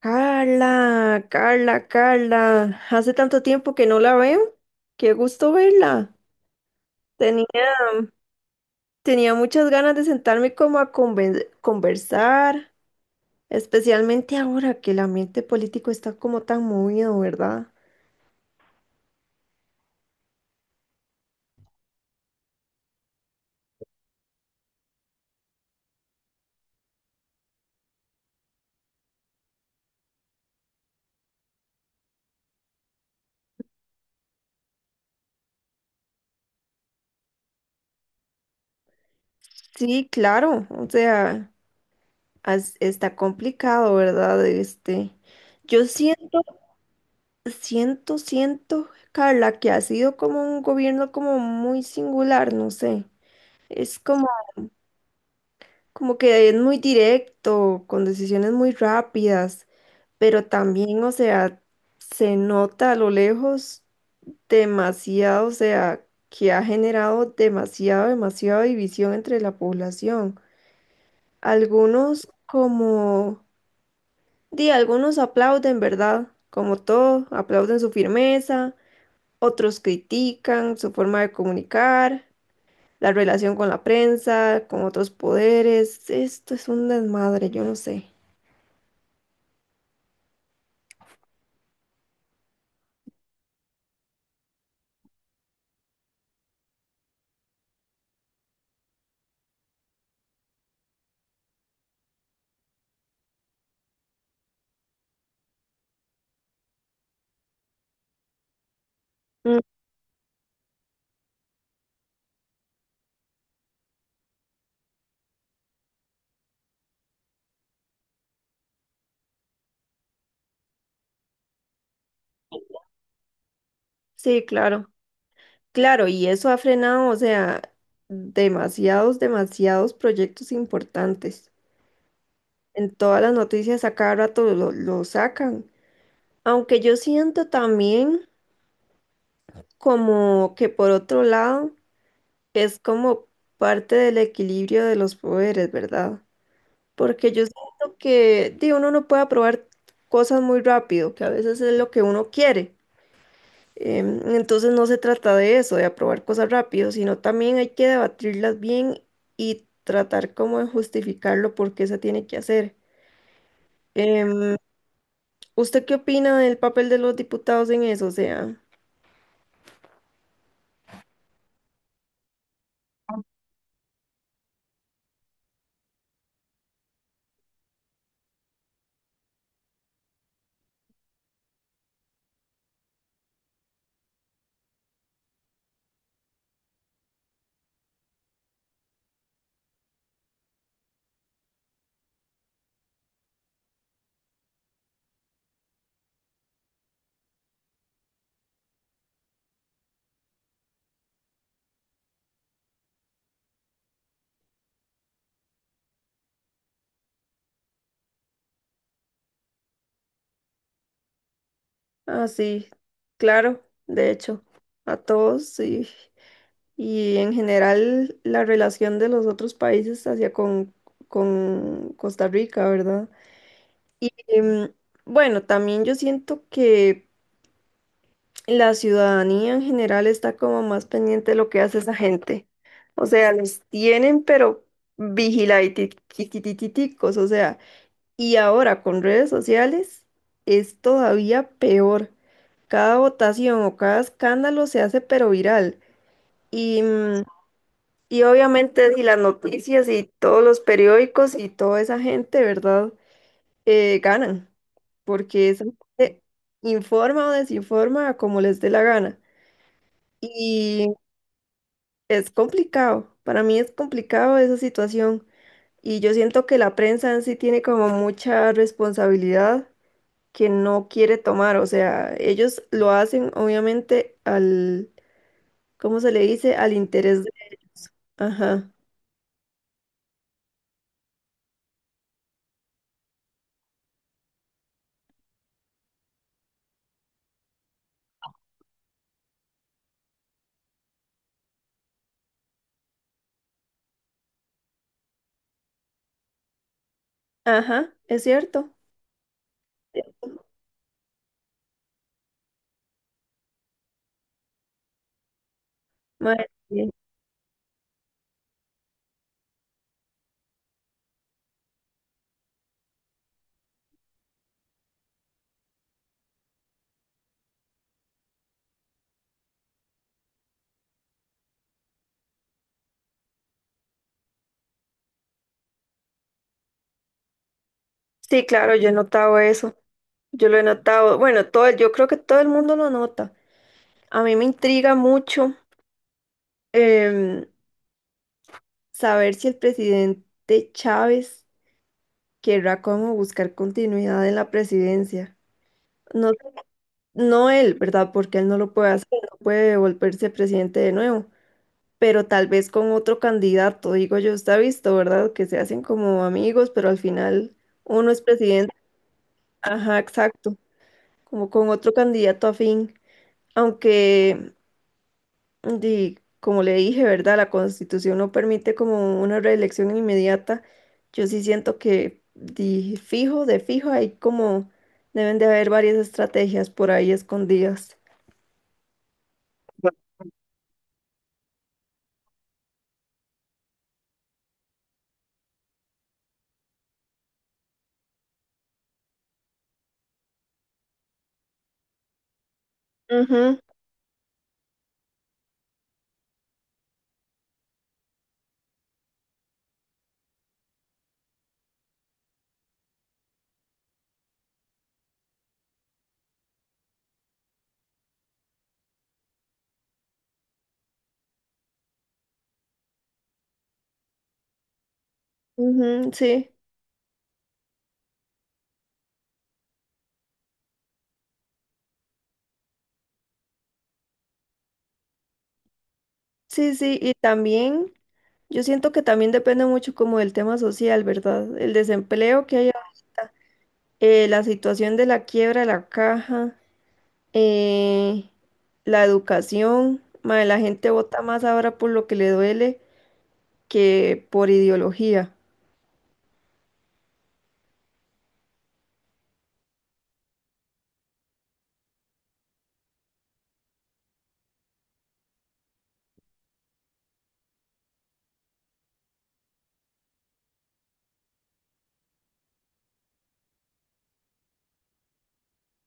Carla, Carla, Carla, hace tanto tiempo que no la veo. Qué gusto verla. Tenía, tenía muchas ganas de sentarme como a conversar, especialmente ahora que el ambiente político está como tan movido, ¿verdad? Sí, claro, o sea, está complicado, ¿verdad? Yo siento, Carla, que ha sido como un gobierno como muy singular, no sé. Es como Como que es muy directo, con decisiones muy rápidas, pero también, o sea, se nota a lo lejos demasiado, o sea, que ha generado demasiado, demasiada división entre la población. Algunos como, di, algunos aplauden, ¿verdad? Como todo, aplauden su firmeza, otros critican su forma de comunicar, la relación con la prensa, con otros poderes. Esto es un desmadre, yo no sé. Sí, claro, claro, y eso ha frenado, o sea, demasiados proyectos importantes. En todas las noticias a cada rato lo sacan. Aunque yo siento también como que por otro lado es como parte del equilibrio de los poderes, ¿verdad? Porque yo siento que di, uno no puede aprobar cosas muy rápido, que a veces es lo que uno quiere. Entonces no se trata de eso, de aprobar cosas rápido, sino también hay que debatirlas bien y tratar como de justificarlo por qué se tiene que hacer. Em, ¿Usted qué opina del papel de los diputados en eso? O sea, ah, sí, claro, de hecho, a todos y en general la relación de los otros países hacia con Costa Rica, ¿verdad? Y bueno, también yo siento que la ciudadanía en general está como más pendiente de lo que hace esa gente. O sea, los tienen, pero vigiladiticos, o sea, y ahora con redes sociales es todavía peor. Cada votación o cada escándalo se hace pero viral. Y, mm, y obviamente si las noticias y todos los periódicos y toda esa gente, ¿verdad? Ganan, porque esa gente informa o desinforma como les dé la gana. Y es complicado, para mí es complicado esa situación. Y yo siento que la prensa en sí tiene como mucha responsabilidad que no quiere tomar. O sea, ellos lo hacen obviamente al, ¿cómo se le dice? Al interés de ellos. Ajá, ajá, es cierto. Mae, sí. Sí, claro, yo he notado eso. Yo lo he notado. Bueno, todo, yo creo que todo el mundo lo nota. A mí me intriga mucho. em, Saber si el presidente Chávez querrá como buscar continuidad en la presidencia. No, no él, ¿verdad? Porque él no lo puede hacer, no puede volverse presidente de nuevo, pero tal vez con otro candidato, digo yo, está visto, ¿verdad? Que se hacen como amigos, pero al final uno es presidente. Ajá, exacto, como con otro candidato afín. Aunque Y como le dije, ¿verdad? La Constitución no permite como una reelección inmediata. Yo sí siento que de fijo, hay como deben de haber varias estrategias por ahí escondidas. Ujú, ujú, sí, sí, sí. Y también, yo siento que también depende mucho como del tema social, ¿verdad? El desempleo que hay ahorita, la situación de la quiebra de la caja, eh, la educación. Mae, la gente vota más ahora por lo que le duele que por ideología.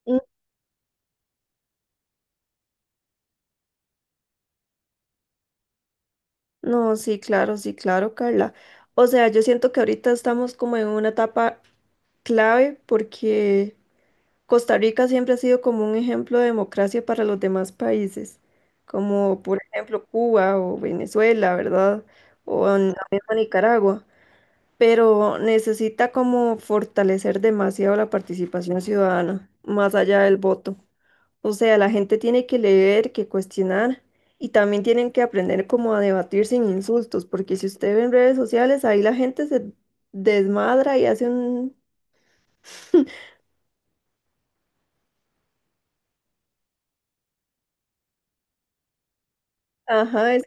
Mm, no, sí, claro, sí, claro, Carla. O sea, yo siento que ahorita estamos como en una etapa clave porque Costa Rica siempre ha sido como un ejemplo de democracia para los demás países, como por ejemplo Cuba o Venezuela, ¿verdad? O en la misma Nicaragua, pero necesita como fortalecer demasiado la participación ciudadana, más allá del voto. O sea, la gente tiene que leer, que cuestionar y también tienen que aprender como a debatir sin insultos, porque si usted ve en redes sociales, ahí la gente se desmadra y hace un... Ajá, es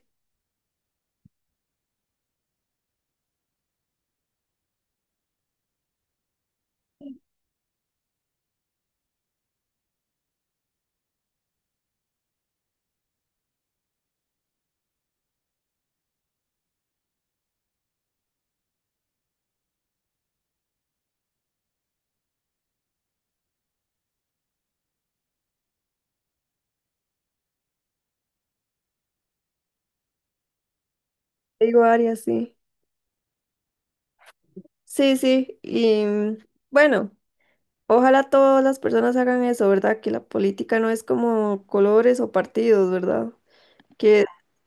digo Arias, sí. Sí, sí. Bueno, ojalá todas las personas hagan eso, ¿verdad? Que la política no es como colores o partidos, ¿verdad? Que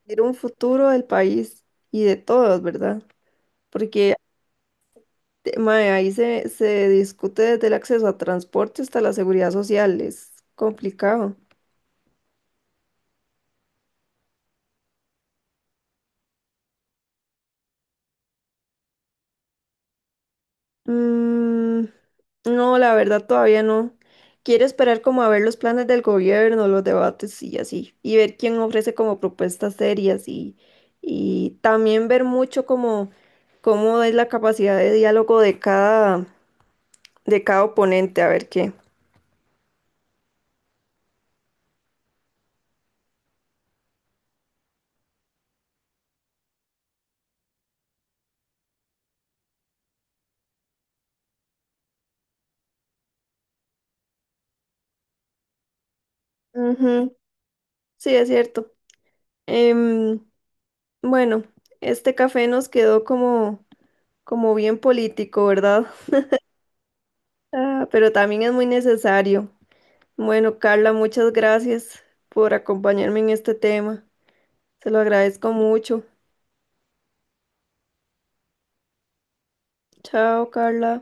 es un futuro del país y de todos, ¿verdad? Porque Mae, ahí se discute desde el acceso a transporte hasta la seguridad social, es complicado. Mm, no, la verdad todavía no. Quiero esperar como a ver los planes del gobierno, los debates y así, y ver quién ofrece como propuestas serias y también ver mucho como cómo es la capacidad de diálogo de de cada oponente, a ver qué. Ujú, sí, es cierto. Em, bueno, este café nos quedó como... como bien político, ¿verdad? Ah, pero también es muy necesario. Bueno, Carla, muchas gracias por acompañarme en este tema. Se lo agradezco mucho. Chao, Carla.